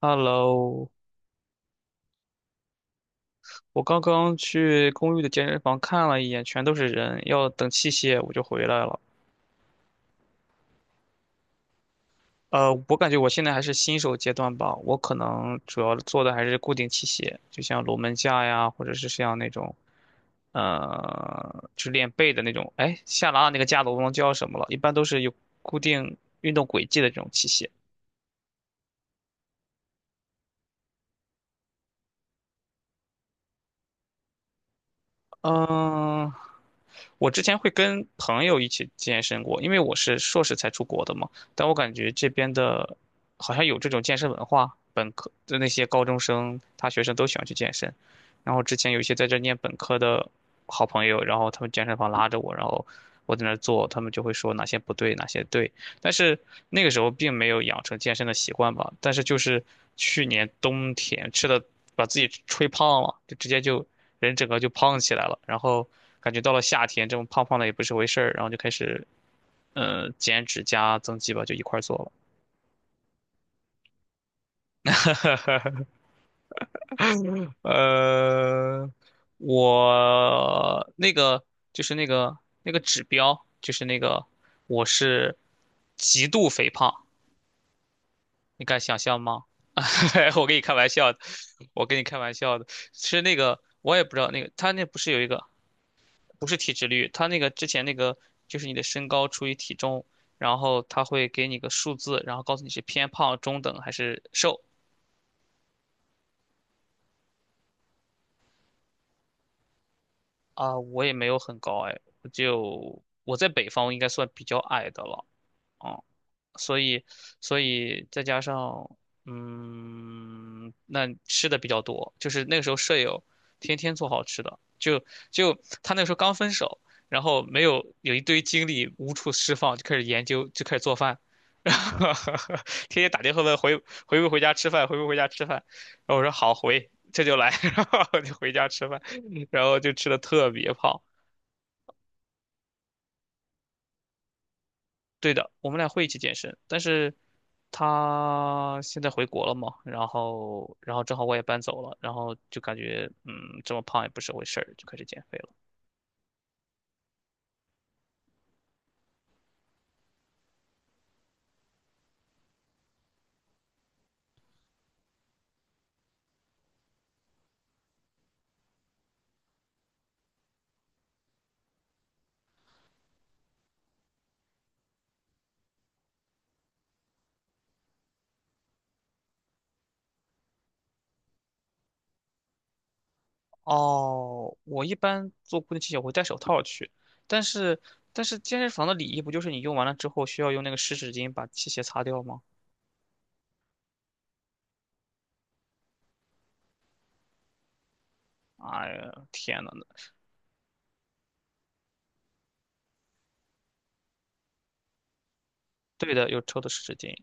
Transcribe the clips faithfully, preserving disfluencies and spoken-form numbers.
Hello，我刚刚去公寓的健身房看了一眼，全都是人，要等器械我就回来了。呃，我感觉我现在还是新手阶段吧，我可能主要做的还是固定器械，就像龙门架呀，或者是像那种，呃，去练背的那种。哎，下拉那个架子我忘了叫什么了，一般都是有固定运动轨迹的这种器械。嗯、我之前会跟朋友一起健身过，因为我是硕士才出国的嘛，但我感觉这边的，好像有这种健身文化，本科的那些高中生、大学生都喜欢去健身。然后之前有一些在这念本科的好朋友，然后他们健身房拉着我，然后我在那儿做，他们就会说哪些不对，哪些对，但是那个时候并没有养成健身的习惯吧。但是就是去年冬天吃的，把自己吹胖了，就直接就人整个就胖起来了。然后感觉到了夏天，这么胖胖的也不是回事儿，然后就开始呃减脂加增肌吧，就一块儿做了。呃，我那个就是那个那个指标，就是那个我是极度肥胖，你敢想象吗？我跟你开玩笑的，我跟你开玩笑的，其实那个我也不知道那个他那不是有一个不是体脂率，他那个之前那个就是你的身高除以体重，然后他会给你个数字，然后告诉你是偏胖、中等还是瘦啊。我也没有很高哎，我就我在北方应该算比较矮的了，嗯所以，所以再加上，嗯，那吃的比较多，就是那个时候舍友天天做好吃的，就就他那个时候刚分手，然后没有有一堆精力无处释放，就开始研究，就开始做饭，然后天天打电话问回回不回家吃饭，回不回家吃饭，然后我说好回，这就来，然后我就回家吃饭，然后就吃的特别胖。对的，我们俩会一起健身，但是他现在回国了嘛，然后然后正好我也搬走了，然后就感觉嗯这么胖也不是回事儿，就开始减肥了。哦，我一般做固定器械我会戴手套去，但是但是健身房的礼仪不就是你用完了之后需要用那个湿纸巾把器械擦掉吗？哎呀，天呐，对的，有抽的湿纸巾。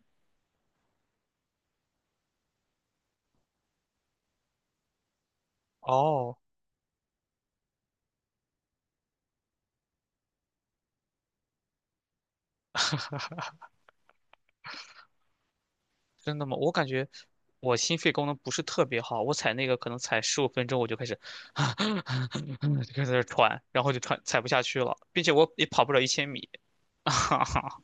哦，真的吗？我感觉我心肺功能不是特别好，我踩那个可能踩十五分钟我就开始 就开始在那儿喘，然后就喘踩不下去了，并且我也跑不了一千米。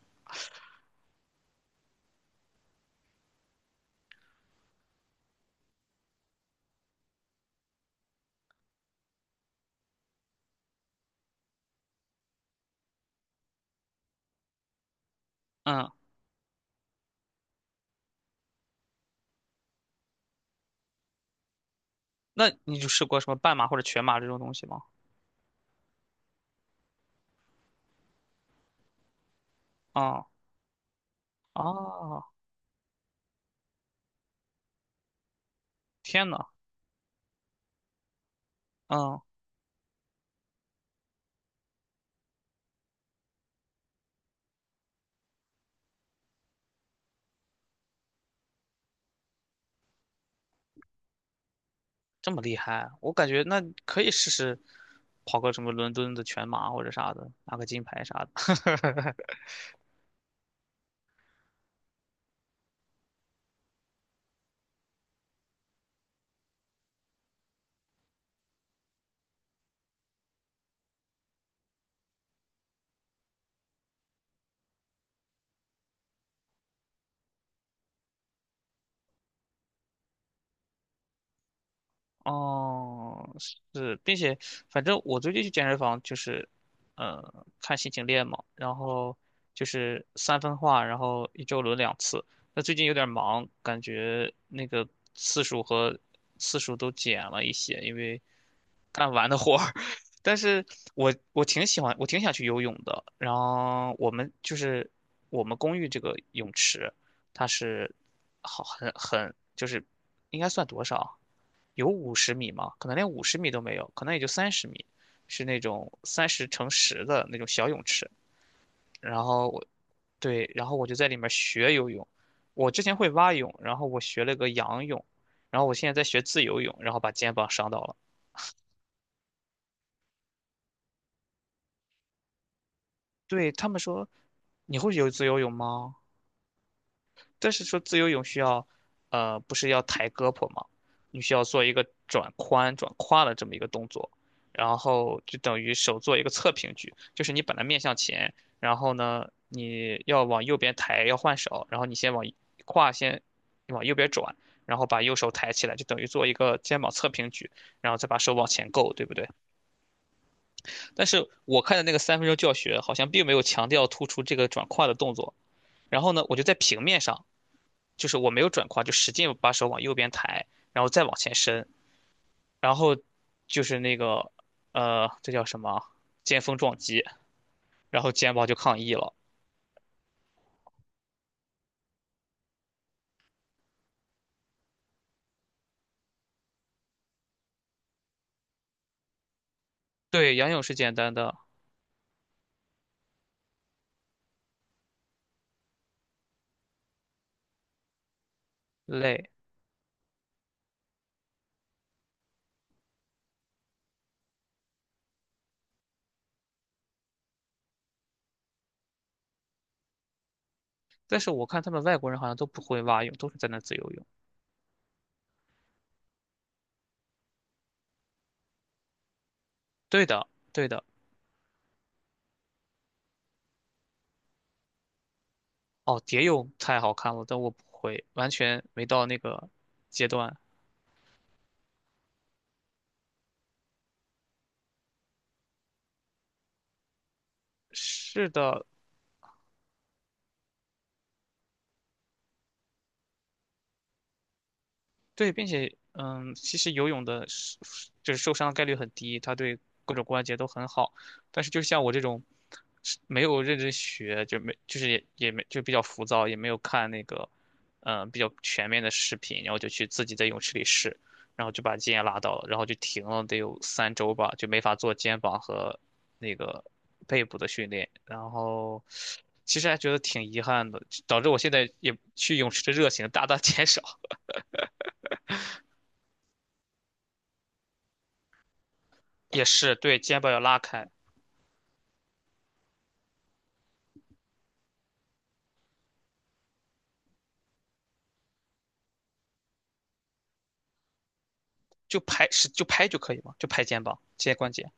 嗯，那你就试过什么半马或者全马这种东西吗？啊、啊！天呐，嗯，这么厉害啊，我感觉那可以试试跑个什么伦敦的全马或者啥的，拿个金牌啥的。哦，是，并且反正我最近去健身房就是，呃，看心情练嘛，然后就是三分化，然后一周轮两次。那最近有点忙，感觉那个次数和次数都减了一些，因为干完的活儿。但是我我挺喜欢，我挺想去游泳的。然后我们就是我们公寓这个泳池，它是好很很就是应该算多少啊？有五十米吗？可能连五十米都没有，可能也就三十米，是那种三十乘十的那种小泳池。然后我，对，然后我就在里面学游泳。我之前会蛙泳，然后我学了个仰泳，然后我现在在学自由泳，然后把肩膀伤到了。对，他们说，你会游自由泳吗？但是说自由泳需要，呃，不是要抬胳膊吗？你需要做一个转髋、转胯的这么一个动作，然后就等于手做一个侧平举，就是你本来面向前，然后呢，你要往右边抬，要换手，然后你先往胯先往右边转，然后把右手抬起来，就等于做一个肩膀侧平举，然后再把手往前够，对不对？但是我看的那个三分钟教学好像并没有强调突出这个转胯的动作，然后呢，我就在平面上。就是我没有转胯，就使劲把手往右边抬，然后再往前伸，然后就是那个呃，这叫什么？肩峰撞击，然后肩膀就抗议了。对，仰泳是简单的，累，但是我看他们外国人好像都不会蛙泳，都是在那自由泳。对的，对的。哦，蝶泳太好看了，但我不会，完全没到那个阶段。是的，对，并且，嗯，其实游泳的是，就是受伤概率很低，它对各种关节都很好。但是，就像我这种是没有认真学，就没，就是也也没，就比较浮躁，也没有看那个，嗯，比较全面的视频，然后就去自己在泳池里试，然后就把肩也拉到了，然后就停了得有三周吧，就没法做肩膀和那个背部的训练。然后，其实还觉得挺遗憾的，导致我现在也去泳池的热情大大减少。也是对肩膀要拉开，就拍是就拍就可以嘛，就拍肩膀、肩关节。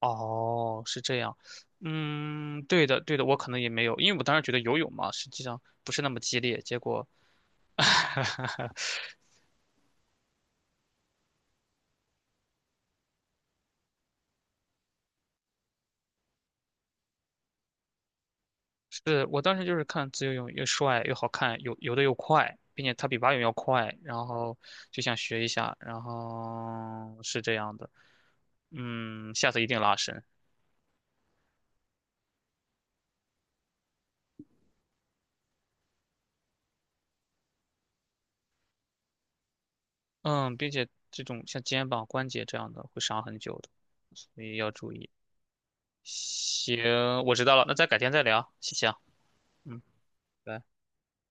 哦，是这样。嗯，对的，对的，我可能也没有，因为我当时觉得游泳嘛，实际上不是那么激烈。结果是我当时就是看自由泳又帅又好看，游游的又快，并且它比蛙泳要快，然后就想学一下，然后是这样的。嗯，下次一定拉伸。嗯，并且这种像肩膀关节这样的会伤很久的，所以要注意。行，我知道了，那再改天再聊，谢谢啊。嗯，拜。